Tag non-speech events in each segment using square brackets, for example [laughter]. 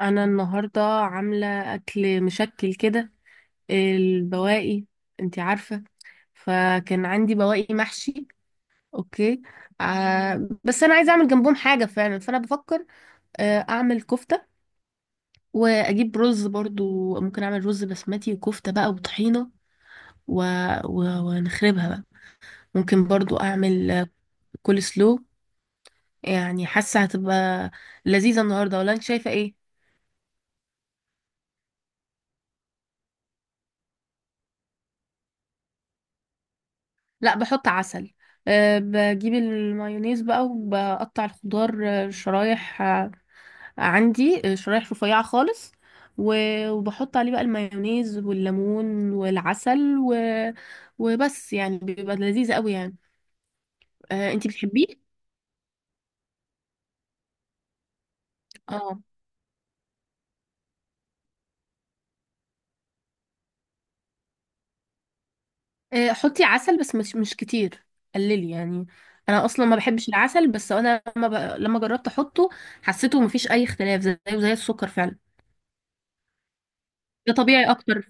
انا النهارده عامله اكل مشكل كده، البواقي، انتي عارفه. فكان عندي بواقي محشي. اوكي. بس انا عايزه اعمل جنبهم حاجه فعلا، فانا بفكر اعمل كفته واجيب رز. برضو ممكن اعمل رز بسمتي وكفته بقى وطحينه و... ونخربها بقى. ممكن برضو اعمل كول سلو. يعني حاسه هتبقى لذيذه النهارده، ولا انت شايفه ايه؟ لا، بحط عسل. أه، بجيب المايونيز بقى وبقطع الخضار، شرايح، عندي شرايح رفيعة خالص، وبحط عليه بقى المايونيز والليمون والعسل وبس، يعني بيبقى لذيذ قوي يعني. أه، انتي بتحبيه. اه، حطي عسل بس مش كتير، قللي يعني. انا اصلا ما بحبش العسل، بس انا لما جربت احطه، حسيته مفيش اي اختلاف، زيه زي السكر فعلا. ده طبيعي اكتر،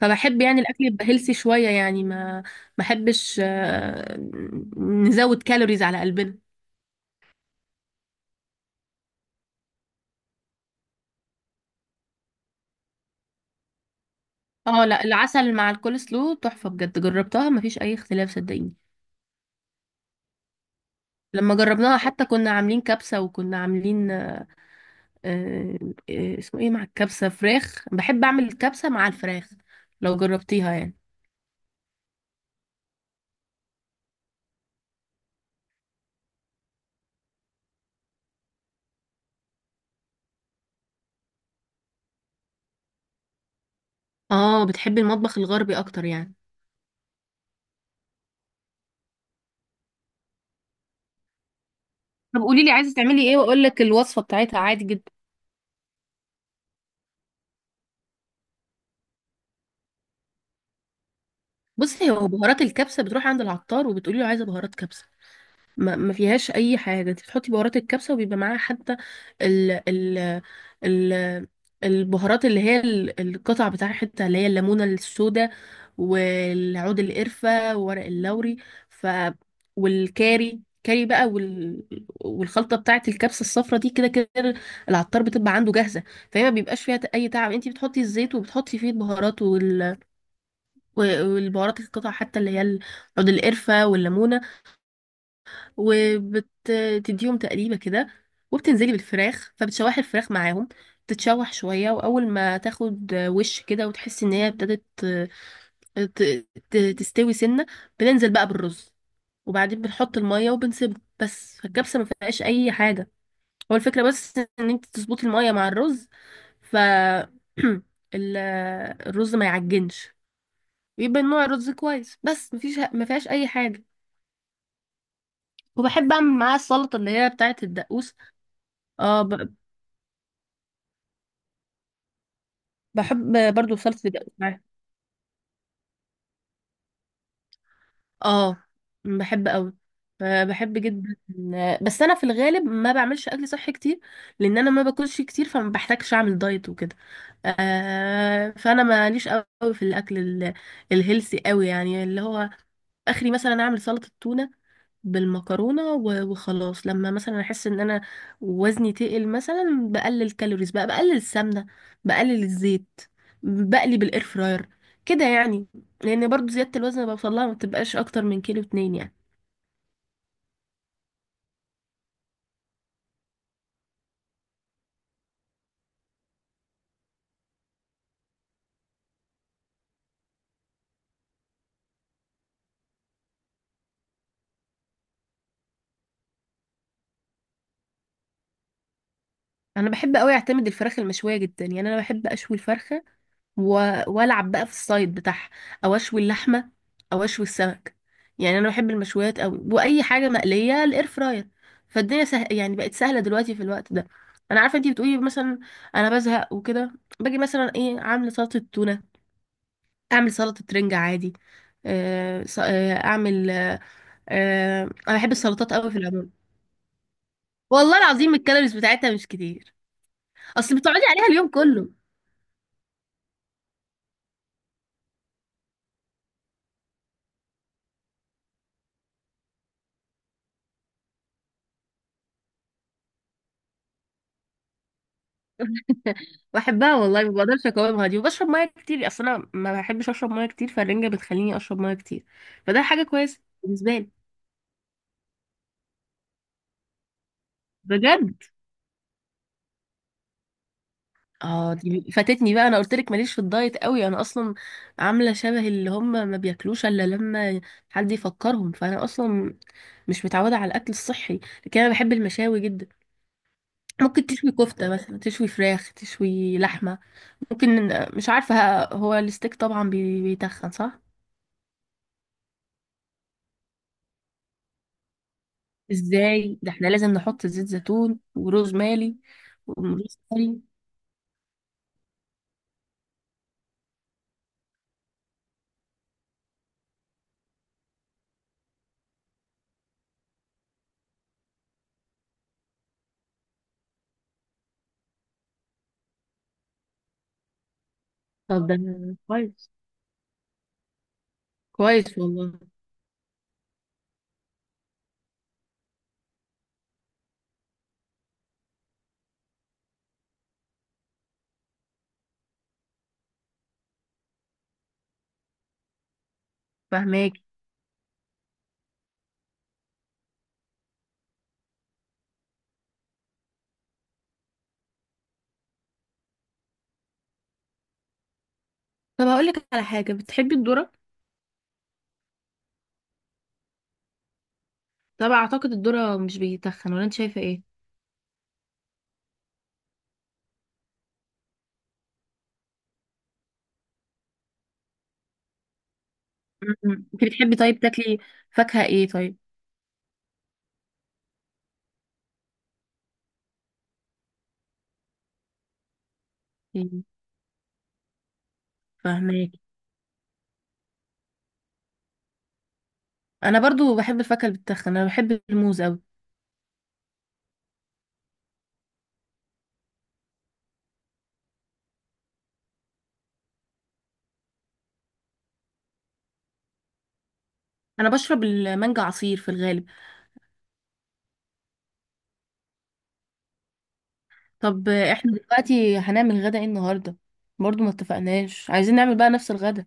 فبحب يعني الاكل يبقى هيلثي شويه يعني، ما بحبش نزود كالوريز على قلبنا. اه لا، العسل مع الكولسلو تحفه بجد، جربتها ما فيش اي اختلاف، صدقيني. لما جربناها حتى كنا عاملين كبسه، وكنا عاملين آه، اسمه ايه، مع الكبسه فراخ، بحب اعمل الكبسه مع الفراخ، لو جربتيها يعني. اه بتحبي المطبخ الغربي اكتر يعني. طب قولي لي عايزه تعملي ايه، واقول لك الوصفه بتاعتها عادي جدا. بصي، هو بهارات الكبسه بتروح عند العطار، وبتقولي له عايزه بهارات كبسه، ما فيهاش اي حاجه، انت بتحطي بهارات الكبسه، وبيبقى معاها حتى ال ال ال البهارات اللي هي القطع بتاعتها، اللي هي الليمونه السوداء والعود القرفه وورق اللوري، ف والكاري كاري بقى والخلطه بتاعه الكبسه الصفرا دي، كده كده العطار بتبقى عنده جاهزه. فهي ما بيبقاش فيها اي تعب، انت بتحطي الزيت وبتحطي فيه البهارات والبهارات القطع، حتى اللي هي عود القرفه والليمونه، وبتديهم تقليبة كده، وبتنزلي بالفراخ فبتشوحي الفراخ معاهم. تتشوح شوية، وأول ما تاخد وش كده وتحسي إن هي ابتدت تستوي سنة، بننزل بقى بالرز، وبعدين بنحط المية وبنسيبه بس. فالكبسة ما فيهاش أي حاجة، هو الفكرة بس إن انت تظبطي المية مع الرز، ف [clears throat] ال- الرز ما يعجنش، يبقى نوع الرز كويس بس، مفيش ما فيهاش أي حاجة. وبحب أعمل معاه السلطة اللي هي بتاعة الدقوس. اه، بحب برضو صلصة الجزر. اه بحب قوي، بحب جدا. بس انا في الغالب ما بعملش اكل صحي كتير، لان انا ما باكلش كتير، فما بحتاجش اعمل دايت وكده. آه، فانا ماليش قوي في الاكل الهيلثي قوي، يعني اللي هو اخري مثلا اعمل سلطة تونة بالمكرونه وخلاص. لما مثلا احس ان انا وزني تقل، مثلا بقلل كالوريز بقى، بقلل السمنه، بقلل الزيت، بقلي بالاير فراير كده يعني. لان برضو زياده الوزن اللي بوصلها ما بتبقاش اكتر من كيلو اتنين يعني. انا بحب قوي اعتمد الفراخ المشويه جدا، يعني انا بحب اشوي الفرخه والعب بقى في الصيد بتاعها، او اشوي اللحمه، او اشوي السمك. يعني انا بحب المشويات قوي، واي حاجه مقليه الاير فراير. فالدنيا سهل يعني، بقت سهله دلوقتي في الوقت ده. انا عارفه انتي بتقولي مثلا انا بزهق وكده، باجي مثلا ايه عامله سلطه تونه، اعمل سلطه رنجة عادي. آه، ص- آه، اعمل آه، آه، انا بحب السلطات قوي في العموم. والله العظيم الكالوريز بتاعتها مش كتير، اصل بتقعدي عليها اليوم كله. بحبها والله ما بقدرش اقاومها دي، وبشرب ميه كتير. اصل انا ما بحبش اشرب ميه كتير، فالرنجه بتخليني اشرب ميه كتير، فده حاجه كويسه بالنسبه لي. بجد. اه دي فاتتني بقى، انا قلت لك ماليش في الدايت قوي. انا اصلا عامله شبه اللي هم ما بياكلوش الا لما حد يفكرهم، فانا اصلا مش متعوده على الاكل الصحي، لكن انا بحب المشاوي جدا. ممكن تشوي كفته مثلا، تشوي فراخ، تشوي لحمه. ممكن، مش عارفه. هو الستيك طبعا بيتخن صح؟ ازاي ده، احنا لازم نحط زيت زيتون وروزماري. طب ده كويس، كويس والله. فهماك. طب هقول لك على حاجه، بتحبي الذره؟ طب اعتقد الذره مش بيتخن، ولا انت شايفه ايه؟ م- م. انت بتحبي طيب تاكلي فاكهه ايه طيب؟ إيه، فهماك. انا برضو بحب الفاكهه اللي بتتخن، انا بحب الموز قوي. انا بشرب المانجا عصير في الغالب. طب احنا دلوقتي هنعمل غدا ايه النهارده؟ برضو ما اتفقناش، عايزين نعمل بقى نفس الغدا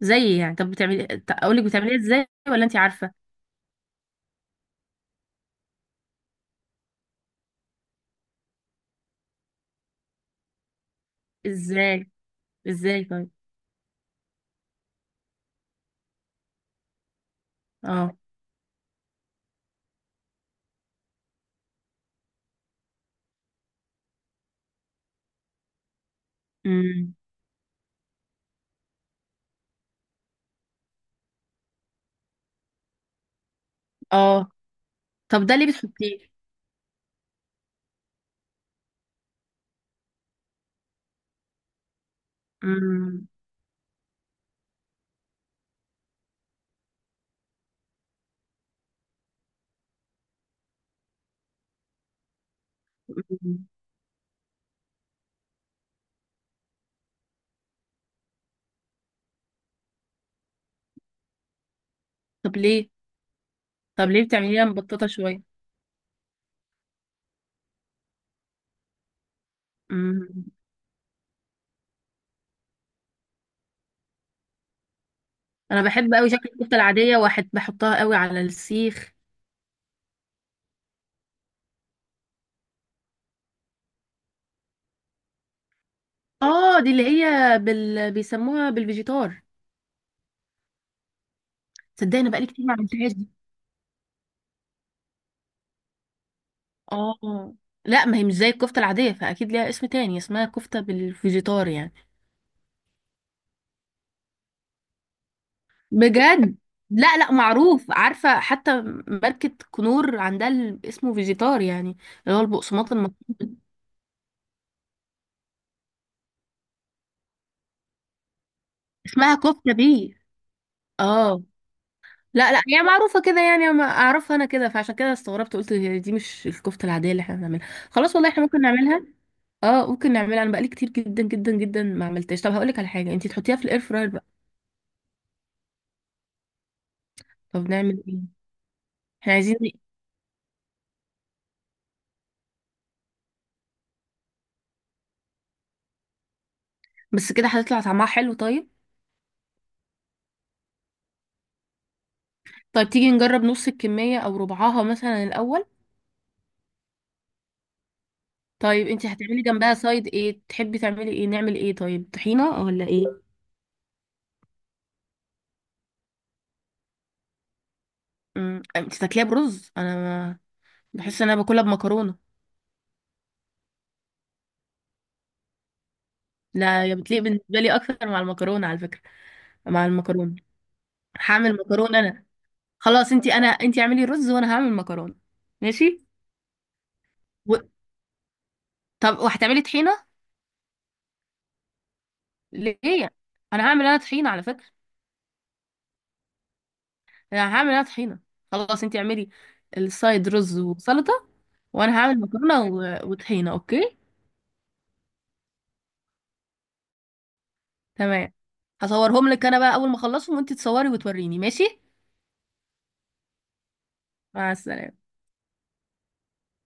زي يعني؟ طب بتعملي، اقول لك بتعمليها ازاي ولا انت عارفه؟ ازاي ازاي طيب. اه. امم. اه. طب ده ليه بتحطيه؟ امم. أمم. طب ليه طب ليه بتعمليها مبططه شويه؟ امم. انا بحب قوي شكل الكفته العاديه، واحد بحطها قوي على السيخ. اه دي اللي هي بيسموها بالفيجيتار. تصدقني انا بقالي كتير ما عملتهاش دي. اه لا، ما هي مش زي الكفته العاديه، فاكيد ليها اسم تاني، اسمها كفته بالفيجيتار يعني. بجد. لا لا، معروف، عارفة حتى ماركة كنور عندها اسمه فيجيتار يعني، اللي هو البقسماط اسمها كفتة بيه. اه. لا لا، هي معروفة كده يعني، ما اعرفها انا كده، فعشان كده استغربت، قلت هي دي مش الكفتة العادية اللي احنا بنعملها. خلاص والله احنا ممكن نعملها. اه ممكن نعملها، انا بقالي كتير جدا جدا جدا ما عملتهاش. طب هقولك على حاجة، انتي تحطيها في الاير فراير بقى. طب نعمل ايه؟ احنا عايزين، بس كده هتطلع طعمها حلو طيب؟ طيب تيجي نجرب نص الكمية او ربعها مثلا الاول. طيب انت هتعملي جنبها سايد ايه، تحبي تعملي ايه، نعمل ايه طيب، طحينة ولا ايه؟ امم، انت تاكليها برز، انا بحس ان انا باكلها بمكرونة. لا يا، بتليق بالنسبة لي اكتر مع المكرونة على فكرة، مع المكرونة. هعمل مكرونة انا. خلاص، انت اعملي رز، وانا هعمل مكرونة. ماشي. و... طب وهتعملي طحينة؟ ليه؟ انا هعمل انا طحينة على فكرة، انا هعمل انا طحينة. خلاص انت اعملي السايد رز وسلطة، وانا هعمل مكرونة وطحينة. اوكي، تمام. هصورهم لك انا بقى اول ما اخلصهم، وانت تصوري وتوريني ماشي. مع السلامة.